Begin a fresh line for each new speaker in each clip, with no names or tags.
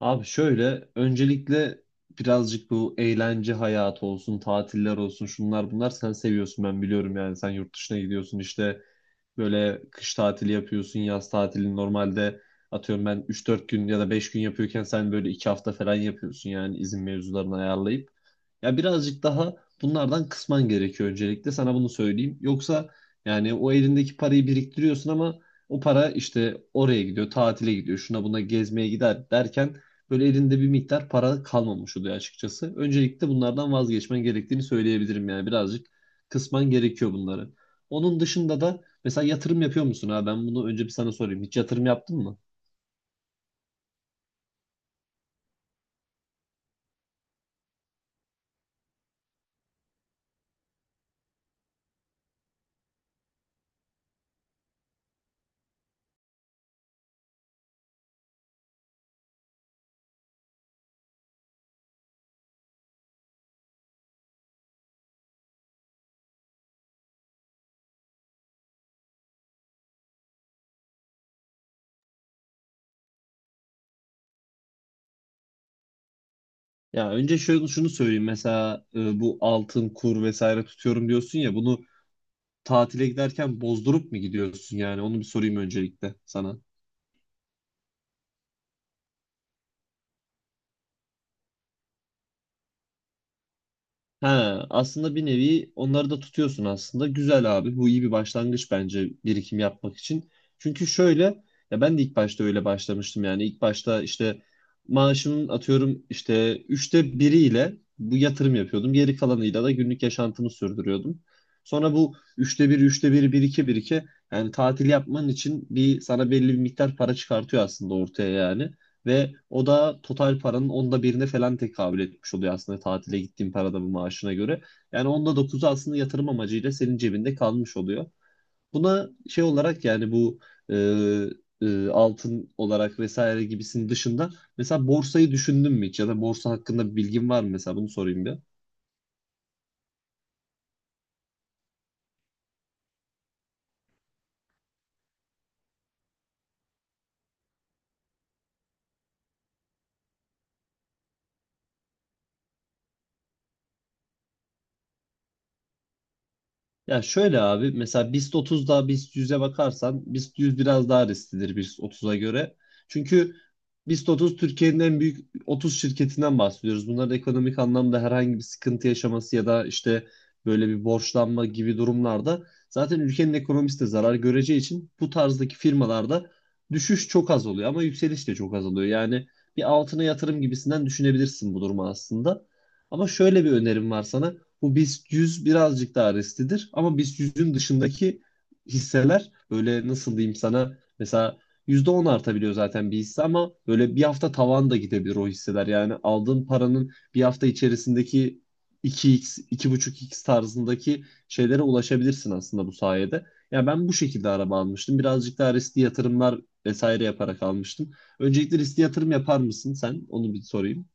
Abi şöyle öncelikle birazcık bu eğlence hayatı olsun, tatiller olsun, şunlar bunlar sen seviyorsun ben biliyorum yani sen yurt dışına gidiyorsun işte böyle kış tatili yapıyorsun, yaz tatili normalde atıyorum ben üç dört gün ya da 5 gün yapıyorken sen böyle 2 hafta falan yapıyorsun yani izin mevzularını ayarlayıp. Ya birazcık daha bunlardan kısman gerekiyor öncelikle sana bunu söyleyeyim. Yoksa yani o elindeki parayı biriktiriyorsun ama o para işte oraya gidiyor, tatile gidiyor, şuna buna gezmeye gider derken böyle elinde bir miktar para kalmamış oluyor açıkçası. Öncelikle bunlardan vazgeçmen gerektiğini söyleyebilirim yani birazcık kısman gerekiyor bunları. Onun dışında da mesela yatırım yapıyor musun ha? Ben bunu önce bir sana sorayım. Hiç yatırım yaptın mı? Ya önce şöyle şunu söyleyeyim. Mesela bu altın, kur vesaire tutuyorum diyorsun ya bunu tatile giderken bozdurup mu gidiyorsun yani? Onu bir sorayım öncelikle sana. Ha, aslında bir nevi onları da tutuyorsun aslında. Güzel abi. Bu iyi bir başlangıç bence birikim yapmak için. Çünkü şöyle ya ben de ilk başta öyle başlamıştım yani. İlk başta işte maaşımın atıyorum işte üçte biriyle bu yatırım yapıyordum. Geri kalanıyla da günlük yaşantımı sürdürüyordum. Sonra bu üçte bir, üçte bir, bir iki, bir iki yani tatil yapman için bir sana belli bir miktar para çıkartıyor aslında ortaya yani. Ve o da total paranın onda birine falan tekabül etmiş oluyor aslında tatile gittiğin paranın maaşına göre. Yani onda dokuzu aslında yatırım amacıyla senin cebinde kalmış oluyor. Buna şey olarak yani bu e, altın olarak vesaire gibisinin dışında mesela borsayı düşündün mü hiç ya da borsa hakkında bir bilgin var mı mesela bunu sorayım bir. Ya şöyle abi mesela BIST 30'da BIST 100'e bakarsan BIST 100 biraz daha risklidir BIST 30'a göre. Çünkü BIST 30 Türkiye'nin en büyük 30 şirketinden bahsediyoruz. Bunların ekonomik anlamda herhangi bir sıkıntı yaşaması ya da işte böyle bir borçlanma gibi durumlarda zaten ülkenin ekonomisi de zarar göreceği için bu tarzdaki firmalarda düşüş çok az oluyor ama yükseliş de çok az oluyor. Yani bir altına yatırım gibisinden düşünebilirsin bu durumu aslında. Ama şöyle bir önerim var sana. Bu BIST 100 birazcık daha risklidir ama BIST yüzün dışındaki hisseler böyle nasıl diyeyim sana mesela %10 artabiliyor zaten bir hisse ama böyle bir hafta tavan da gidebilir o hisseler. Yani aldığın paranın bir hafta içerisindeki iki x 2,5x tarzındaki şeylere ulaşabilirsin aslında bu sayede. Ya ben bu şekilde araba almıştım. Birazcık daha riskli yatırımlar vesaire yaparak almıştım. Öncelikle riskli yatırım yapar mısın sen? Onu bir sorayım.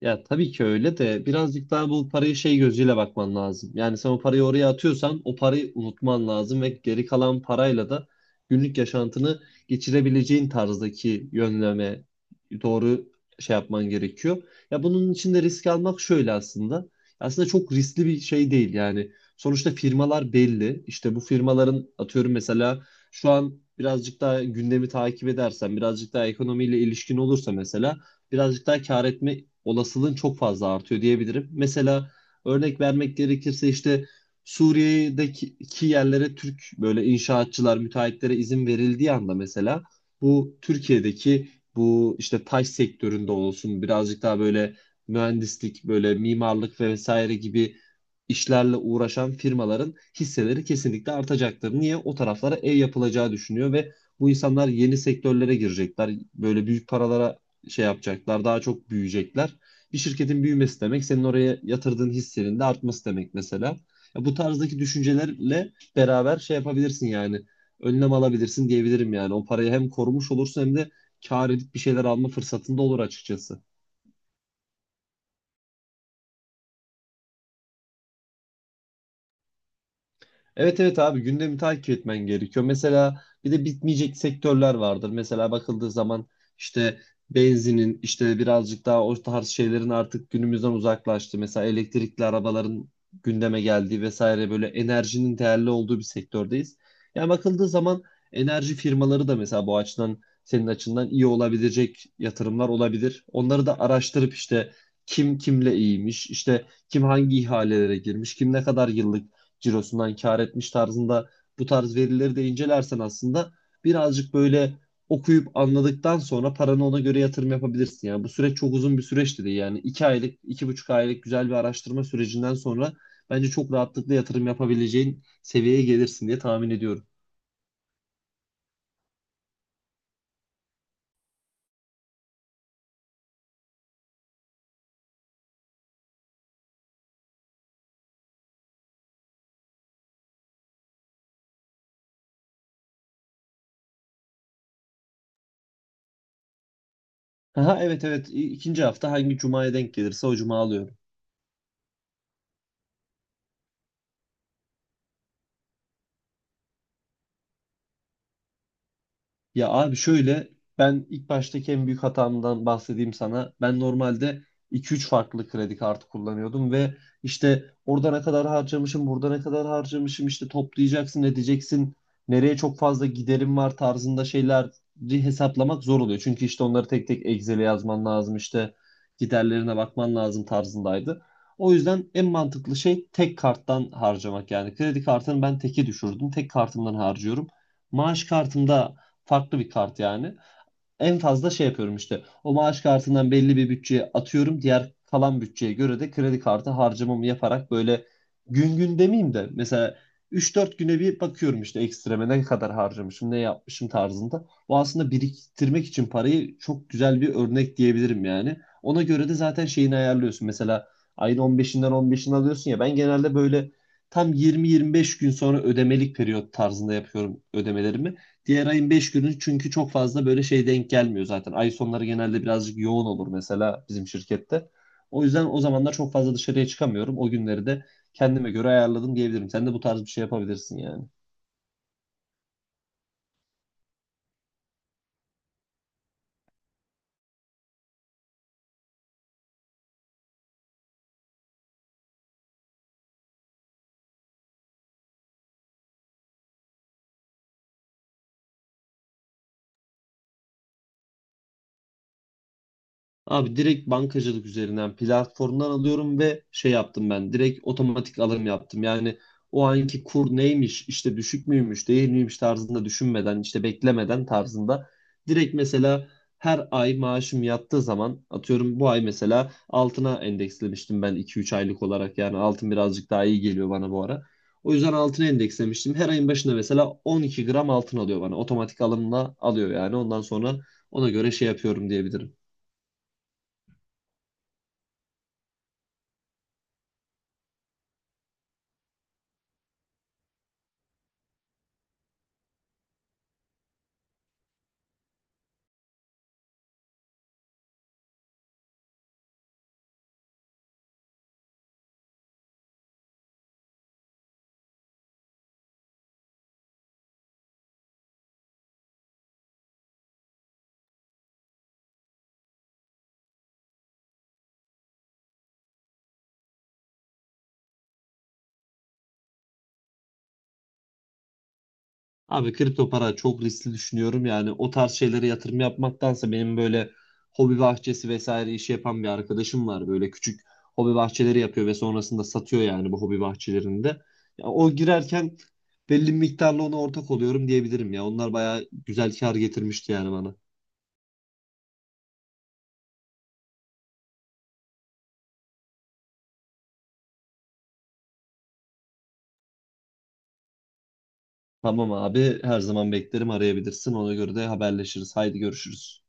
Ya tabii ki öyle de birazcık daha bu parayı şey gözüyle bakman lazım. Yani sen o parayı oraya atıyorsan o parayı unutman lazım ve geri kalan parayla da günlük yaşantını geçirebileceğin tarzdaki yönleme doğru şey yapman gerekiyor. Ya bunun için de risk almak şöyle aslında. Aslında çok riskli bir şey değil yani. Sonuçta firmalar belli. İşte bu firmaların atıyorum mesela şu an birazcık daha gündemi takip edersen, birazcık daha ekonomiyle ilişkin olursa mesela birazcık daha kâr etme olasılığın çok fazla artıyor diyebilirim. Mesela örnek vermek gerekirse işte Suriye'deki yerlere Türk böyle inşaatçılar, müteahhitlere izin verildiği anda mesela bu Türkiye'deki bu işte taş sektöründe olsun birazcık daha böyle mühendislik, böyle mimarlık ve vesaire gibi işlerle uğraşan firmaların hisseleri kesinlikle artacaktır. Niye? O taraflara ev yapılacağı düşünüyor ve bu insanlar yeni sektörlere girecekler. Böyle büyük paralara şey yapacaklar. Daha çok büyüyecekler. Bir şirketin büyümesi demek senin oraya yatırdığın hissenin de artması demek mesela. Ya bu tarzdaki düşüncelerle beraber şey yapabilirsin yani. Önlem alabilirsin diyebilirim yani. O parayı hem korumuş olursun hem de kâr edip bir şeyler alma fırsatında olur açıkçası. Evet, evet abi, gündemi takip etmen gerekiyor. Mesela bir de bitmeyecek sektörler vardır. Mesela bakıldığı zaman işte benzinin işte birazcık daha o tarz şeylerin artık günümüzden uzaklaştı. Mesela elektrikli arabaların gündeme geldiği vesaire böyle enerjinin değerli olduğu bir sektördeyiz. Yani bakıldığı zaman enerji firmaları da mesela bu açıdan senin açından iyi olabilecek yatırımlar olabilir. Onları da araştırıp işte kim kimle iyiymiş, işte kim hangi ihalelere girmiş, kim ne kadar yıllık cirosundan kar etmiş tarzında bu tarz verileri de incelersen aslında birazcık böyle okuyup anladıktan sonra paranı ona göre yatırım yapabilirsin. Yani bu süreç çok uzun bir süreç değil. Yani iki aylık, iki buçuk aylık güzel bir araştırma sürecinden sonra bence çok rahatlıkla yatırım yapabileceğin seviyeye gelirsin diye tahmin ediyorum. Aha, evet, evet. İkinci hafta hangi cumaya denk gelirse o cuma alıyorum. Ya abi şöyle ben ilk baştaki en büyük hatamdan bahsedeyim sana. Ben normalde iki üç farklı kredi kartı kullanıyordum ve işte orada ne kadar harcamışım, burada ne kadar harcamışım işte toplayacaksın, edeceksin. Nereye çok fazla giderim var tarzında şeyleri hesaplamak zor oluyor. Çünkü işte onları tek tek Excel'e yazman lazım işte giderlerine bakman lazım tarzındaydı. O yüzden en mantıklı şey tek karttan harcamak yani. Kredi kartını ben teke düşürdüm. Tek kartımdan harcıyorum. Maaş kartımda farklı bir kart yani. En fazla şey yapıyorum işte. O maaş kartından belli bir bütçeye atıyorum. Diğer kalan bütçeye göre de kredi kartı harcamamı yaparak böyle gün gün demeyeyim de mesela 3-4 güne bir bakıyorum işte ekstreme ne kadar harcamışım, ne yapmışım tarzında. Bu aslında biriktirmek için parayı çok güzel bir örnek diyebilirim yani. Ona göre de zaten şeyini ayarlıyorsun. Mesela ayın 15'inden 15'ini alıyorsun ya ben genelde böyle tam 20-25 gün sonra ödemelik periyot tarzında yapıyorum ödemelerimi. Diğer ayın 5 günü çünkü çok fazla böyle şey denk gelmiyor zaten. Ay sonları genelde birazcık yoğun olur mesela bizim şirkette. O yüzden o zamanlar çok fazla dışarıya çıkamıyorum. O günleri de kendime göre ayarladım diyebilirim. Sen de bu tarz bir şey yapabilirsin yani. Abi direkt bankacılık üzerinden platformdan alıyorum ve şey yaptım ben. Direkt otomatik alım yaptım. Yani o anki kur neymiş, işte düşük müymüş, değil miymiş tarzında düşünmeden, işte beklemeden tarzında. Direkt mesela her ay maaşım yattığı zaman atıyorum bu ay mesela altına endekslemiştim ben 2-3 aylık olarak. Yani altın birazcık daha iyi geliyor bana bu ara. O yüzden altına endekslemiştim. Her ayın başında mesela 12 gram altın alıyor bana. Otomatik alımla alıyor yani. Ondan sonra ona göre şey yapıyorum diyebilirim. Abi kripto para çok riskli düşünüyorum. Yani o tarz şeylere yatırım yapmaktansa benim böyle hobi bahçesi vesaire işi yapan bir arkadaşım var. Böyle küçük hobi bahçeleri yapıyor ve sonrasında satıyor yani bu hobi bahçelerinde. Ya o girerken belli bir miktarla ona ortak oluyorum diyebilirim ya. Onlar bayağı güzel kar getirmişti yani bana. Tamam abi, her zaman beklerim arayabilirsin. Ona göre de haberleşiriz. Haydi görüşürüz.